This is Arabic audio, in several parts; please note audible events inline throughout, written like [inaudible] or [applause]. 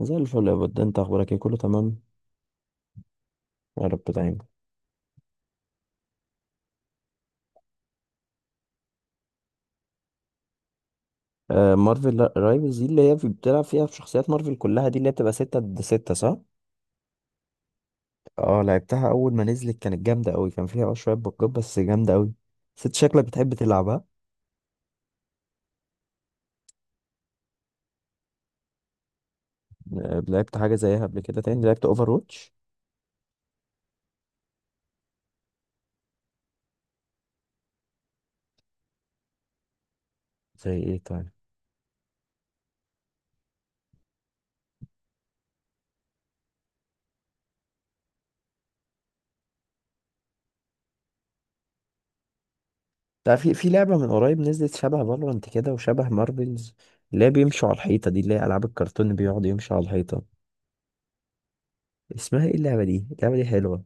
زي الفل يا بود، انت اخبارك ايه؟ كله تمام؟ يا رب دايما. آه، مارفل رايفلز دي اللي هي بتلعب فيها بشخصيات مارفل كلها، دي اللي هي بتبقى ستة ضد ستة، صح؟ اه، لعبتها اول ما نزلت كانت جامدة قوي. كان فيها شوية بقات بس جامدة قوي. ست شكلك بتحب تلعبها. لعبت حاجة زيها قبل كده تاني؟ لعبت اوفر واتش؟ زي ايه طيب؟ لا، في لعبة من قريب نزلت شبه فالورانت كده وشبه مارفلز، اللي هي بيمشوا على الحيطة، دي اللي هي ألعاب الكرتون اللي بيقعد يمشي على الحيطة. اسمها ايه اللعبة دي؟ اللعبة دي حلوة.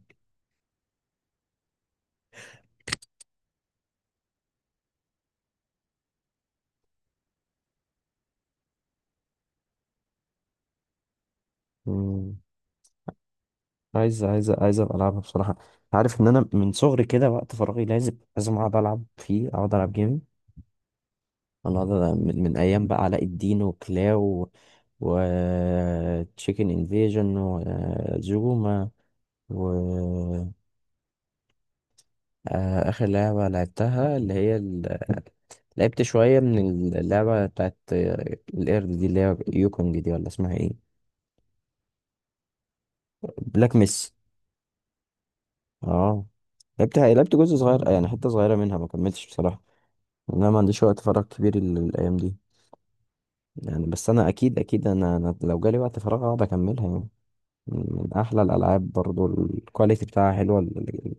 مم. عايز ابقى العبها بصراحه. عارف ان انا من صغري كده وقت فراغي لازم اقعد العب فيه، اقعد العب جيمنج. انا أقعد ألعب من ايام بقى علاء الدين وكلاو و تشيكن انفيجن وزوما و اخر لعبه لعبتها اللي هي [laughs] لعبت شويه من اللعبه بتاعت القرد دي، اللي هي يوكونج دي ولا اسمها ايه؟ بلاك ميس. اه، لعبتها، لعبت جزء صغير يعني، حته صغيره منها، ما كملتش بصراحه. انا ما عنديش وقت فراغ كبير الايام دي. يعني بس انا اكيد اكيد أنا لو جالي وقت فراغ اقعد اكملها يعني. من احلى الالعاب برضو، الكواليتي بتاعها حلوه،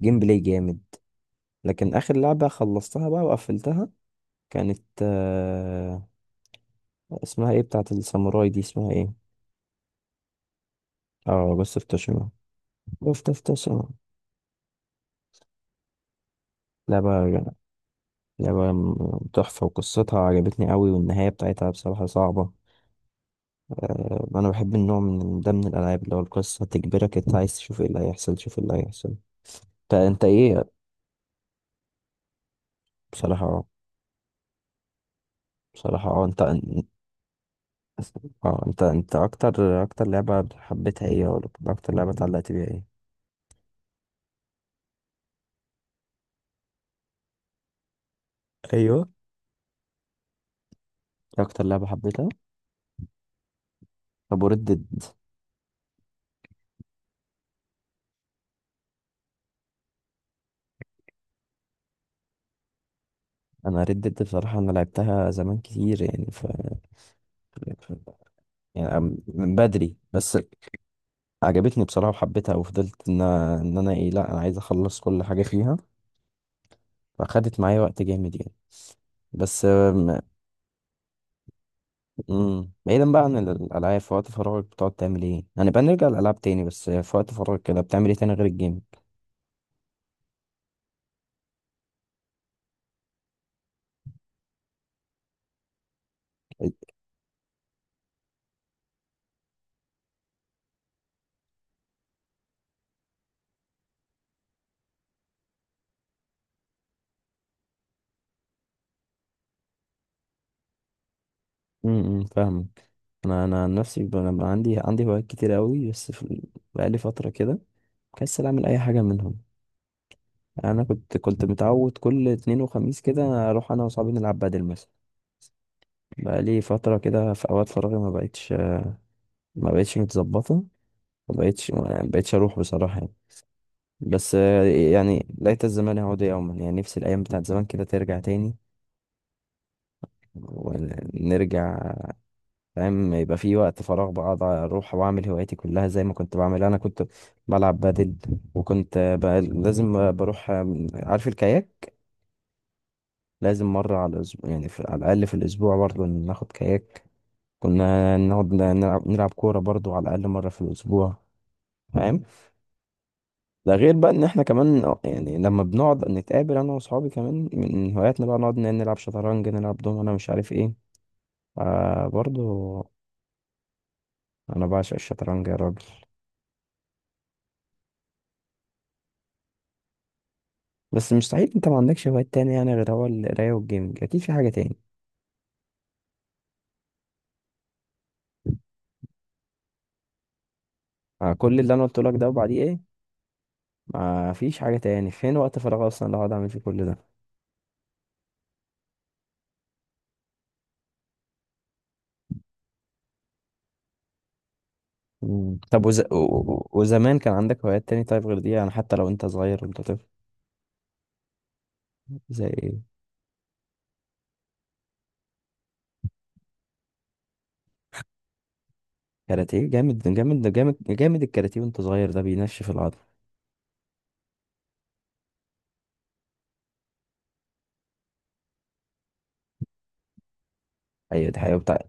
الجيم بلاي جامد. لكن اخر لعبه خلصتها بقى وقفلتها، كانت اسمها ايه بتاعت الساموراي دي، اسمها ايه؟ اه، بس افتشمها. بس افتشمها. لعبة لعبة تحفة، وقصتها عجبتني قوي، والنهاية بتاعتها بصراحة صعبة. انا بحب النوع من ده من الالعاب، اللي هو القصه تجبرك انت عايز تشوف ايه اللي هيحصل، تشوف ايه اللي هيحصل. انت ايه؟ بصراحه اه. بصراحه انت، اه انت اكتر لعبه حبيتها ايه، ولا اكتر لعبه اتعلقت بيها ايه؟ ايوه، اكتر لعبه حبيتها. طب وردد؟ انا ردد بصراحه، انا لعبتها زمان كتير، يعني ف... يعني من بدري بس. عجبتني بصراحه وحبيتها، وفضلت ان انا ايه، لا انا عايز اخلص كل حاجه فيها. فاخدت معايا وقت جامد يعني. بس. بعيدا بقى عن الالعاب، في وقت فراغك بتقعد تعمل ايه يعني؟ بقى نرجع للالعاب تاني، بس في وقت فراغك كده بتعمل ايه تاني غير الجيم؟ فاهم. انا عن نفسي انا بقى عندي هوايات كتير قوي، بس في بقالي فتره كده كسل اعمل اي حاجه منهم. يعني انا كنت متعود كل اتنين وخميس كده اروح انا وصحابي نلعب بدل مثلا. بقالي فتره كده في اوقات فراغي ما بقتش، ما بقتش متظبطه، ما بقتش اروح بصراحه يعني. بس يعني ليت الزمان يعود يوما، يعني نفسي الايام بتاعت زمان كده ترجع تاني، ونرجع. فاهم؟ يبقى في وقت فراغ بقعد اروح واعمل هواياتي كلها زي ما كنت بعمل. انا كنت بلعب بادل، وكنت بقى لازم بروح. عارف الكاياك؟ لازم مرة على الأسبوع، يعني في على الأقل في الأسبوع برضو ناخد كاياك. كنا نقعد نلعب كورة برضو على الأقل مرة في الأسبوع. فاهم؟ ده غير بقى إن إحنا كمان، يعني لما بنقعد نتقابل أنا وأصحابي، كمان من هواياتنا بقى نقعد نلعب شطرنج، نلعب دوم، أنا مش عارف إيه. برضو، أنا بعشق الشطرنج يا راجل. بس مستحيل انت ما عندكش هوايات تاني، يعني غير هو القراية والجيمنج، اكيد في حاجة تاني. مع كل اللي انا قلت لك ده، وبعديه ايه؟ ما فيش حاجة تاني، فين وقت فراغ اصلا اللي هقعد اعمل فيه كل ده؟ مم. طب وزمان كان عندك هوايات تاني طيب غير دي؟ يعني حتى لو انت صغير وانت طفل. زي ايه؟ كاراتيه، جامد جامد جامد جامد، الكاراتيه وانت صغير ده بينشف العضل. ايوه دي حقيقة بتاع.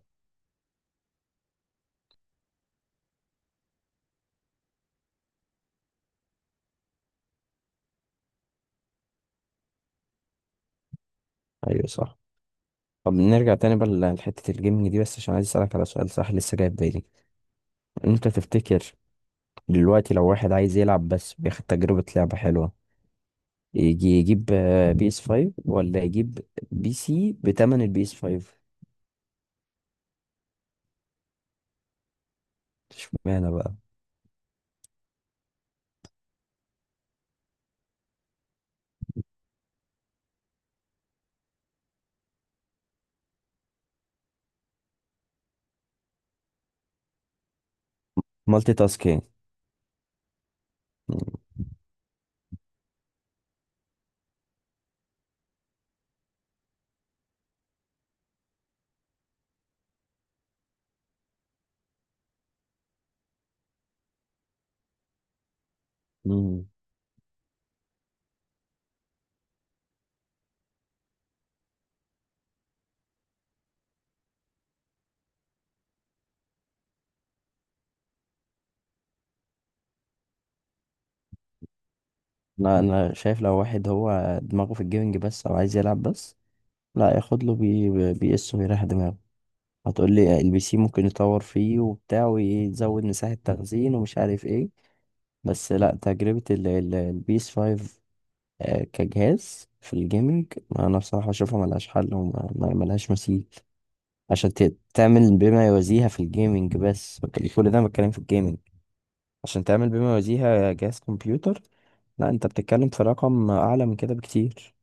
ايوه صح. طب نرجع تاني بقى لحتة الجيمنج دي، بس عشان عايز اسألك على سؤال صح لسه جاي في بالي. انت تفتكر دلوقتي لو واحد عايز يلعب بس بياخد تجربة لعبة حلوة، يجي يجيب بي اس 5 ولا يجيب بي سي بتمن البي اس 5؟ اشمعنى بقى؟ مالتي تاسكينج؟ مم. انا شايف لو واحد هو دماغه في الجيمنج بس او عايز يلعب بس، لا ياخد له بي اس ويريح دماغه. هتقول لي البي سي ممكن يطور فيه وبتاع ويزود مساحة تخزين ومش عارف ايه، بس لا، تجربة البي اس 5 كجهاز في الجيمنج، انا بصراحة اشوفها ملهاش حل وملهاش مثيل. عشان تعمل بما يوازيها في الجيمنج، بس كل ده أنا بتكلم في الجيمنج. عشان تعمل بما يوازيها جهاز كمبيوتر، لا انت بتتكلم في رقم اعلى من كده بكتير،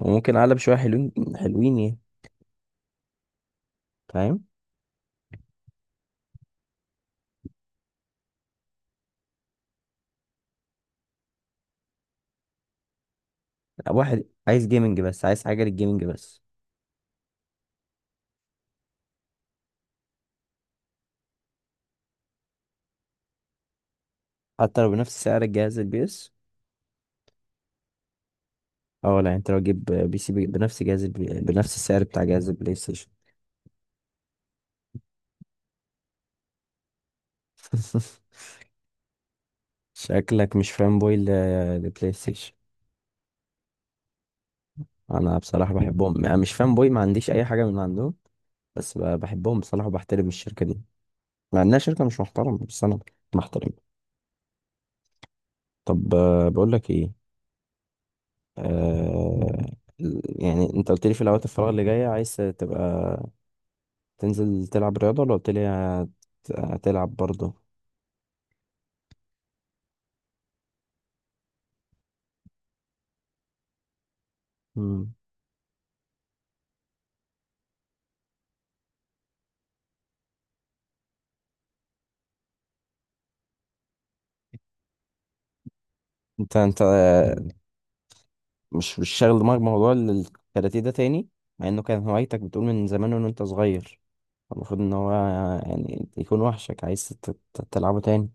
وممكن اعلى بشويه حلوين حلوين يعني. فاهم؟ واحد عايز جيمنج بس، عايز حاجه للجيمنج بس. حتى لو بنفس سعر الجهاز البي اس. اه لا، انت لو تجيب بي سي بنفس جهاز بنفس السعر بتاع جهاز البلاي ستيشن. [laughs] شكلك مش فان بوي للبلاي ستيشن. انا بصراحه بحبهم، انا مش فان بوي، ما عنديش اي حاجه من عندهم. بس بحبهم بصراحة، وبحترم الشركة دي، مع إنها شركة مش محترمة، بس أنا محترم. طب بقول لك إيه. آه يعني أنت قلت لي في الأوقات الفراغ اللي جاية عايز تبقى تنزل تلعب رياضة، ولا قلت لي هتلعب برضه؟ مم. أنت مش شاغل دماغك بموضوع الكاراتيه ده تاني؟ مع إنه كان هوايتك بتقول من زمان وإن أنت صغير، المفروض إن هو يعني يكون وحشك عايز تلعبه تاني.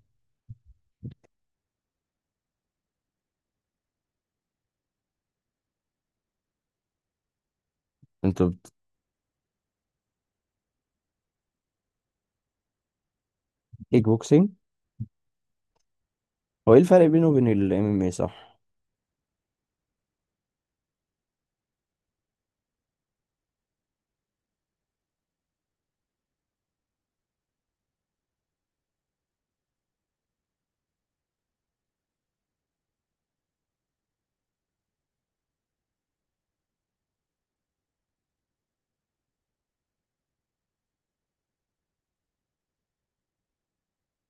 أنت كيك بوكسينج. هو إيه الفرق بينه وبين الإم إم إيه، صح؟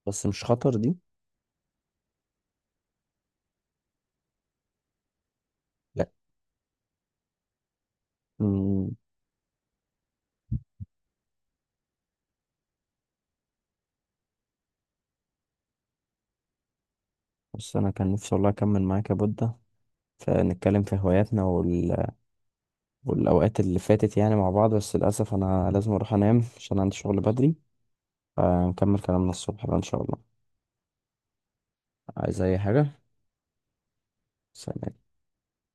بس مش خطر دي؟ لا. مم، بص انا كان نفسي والله اكمل معاك يا بودة، فنتكلم في هواياتنا والاوقات اللي فاتت يعني مع بعض، بس للاسف انا لازم اروح انام عشان عندي شغل بدري، فنكمل كلامنا الصبح بقى ان شاء الله. عايز اي حاجة؟ سلام.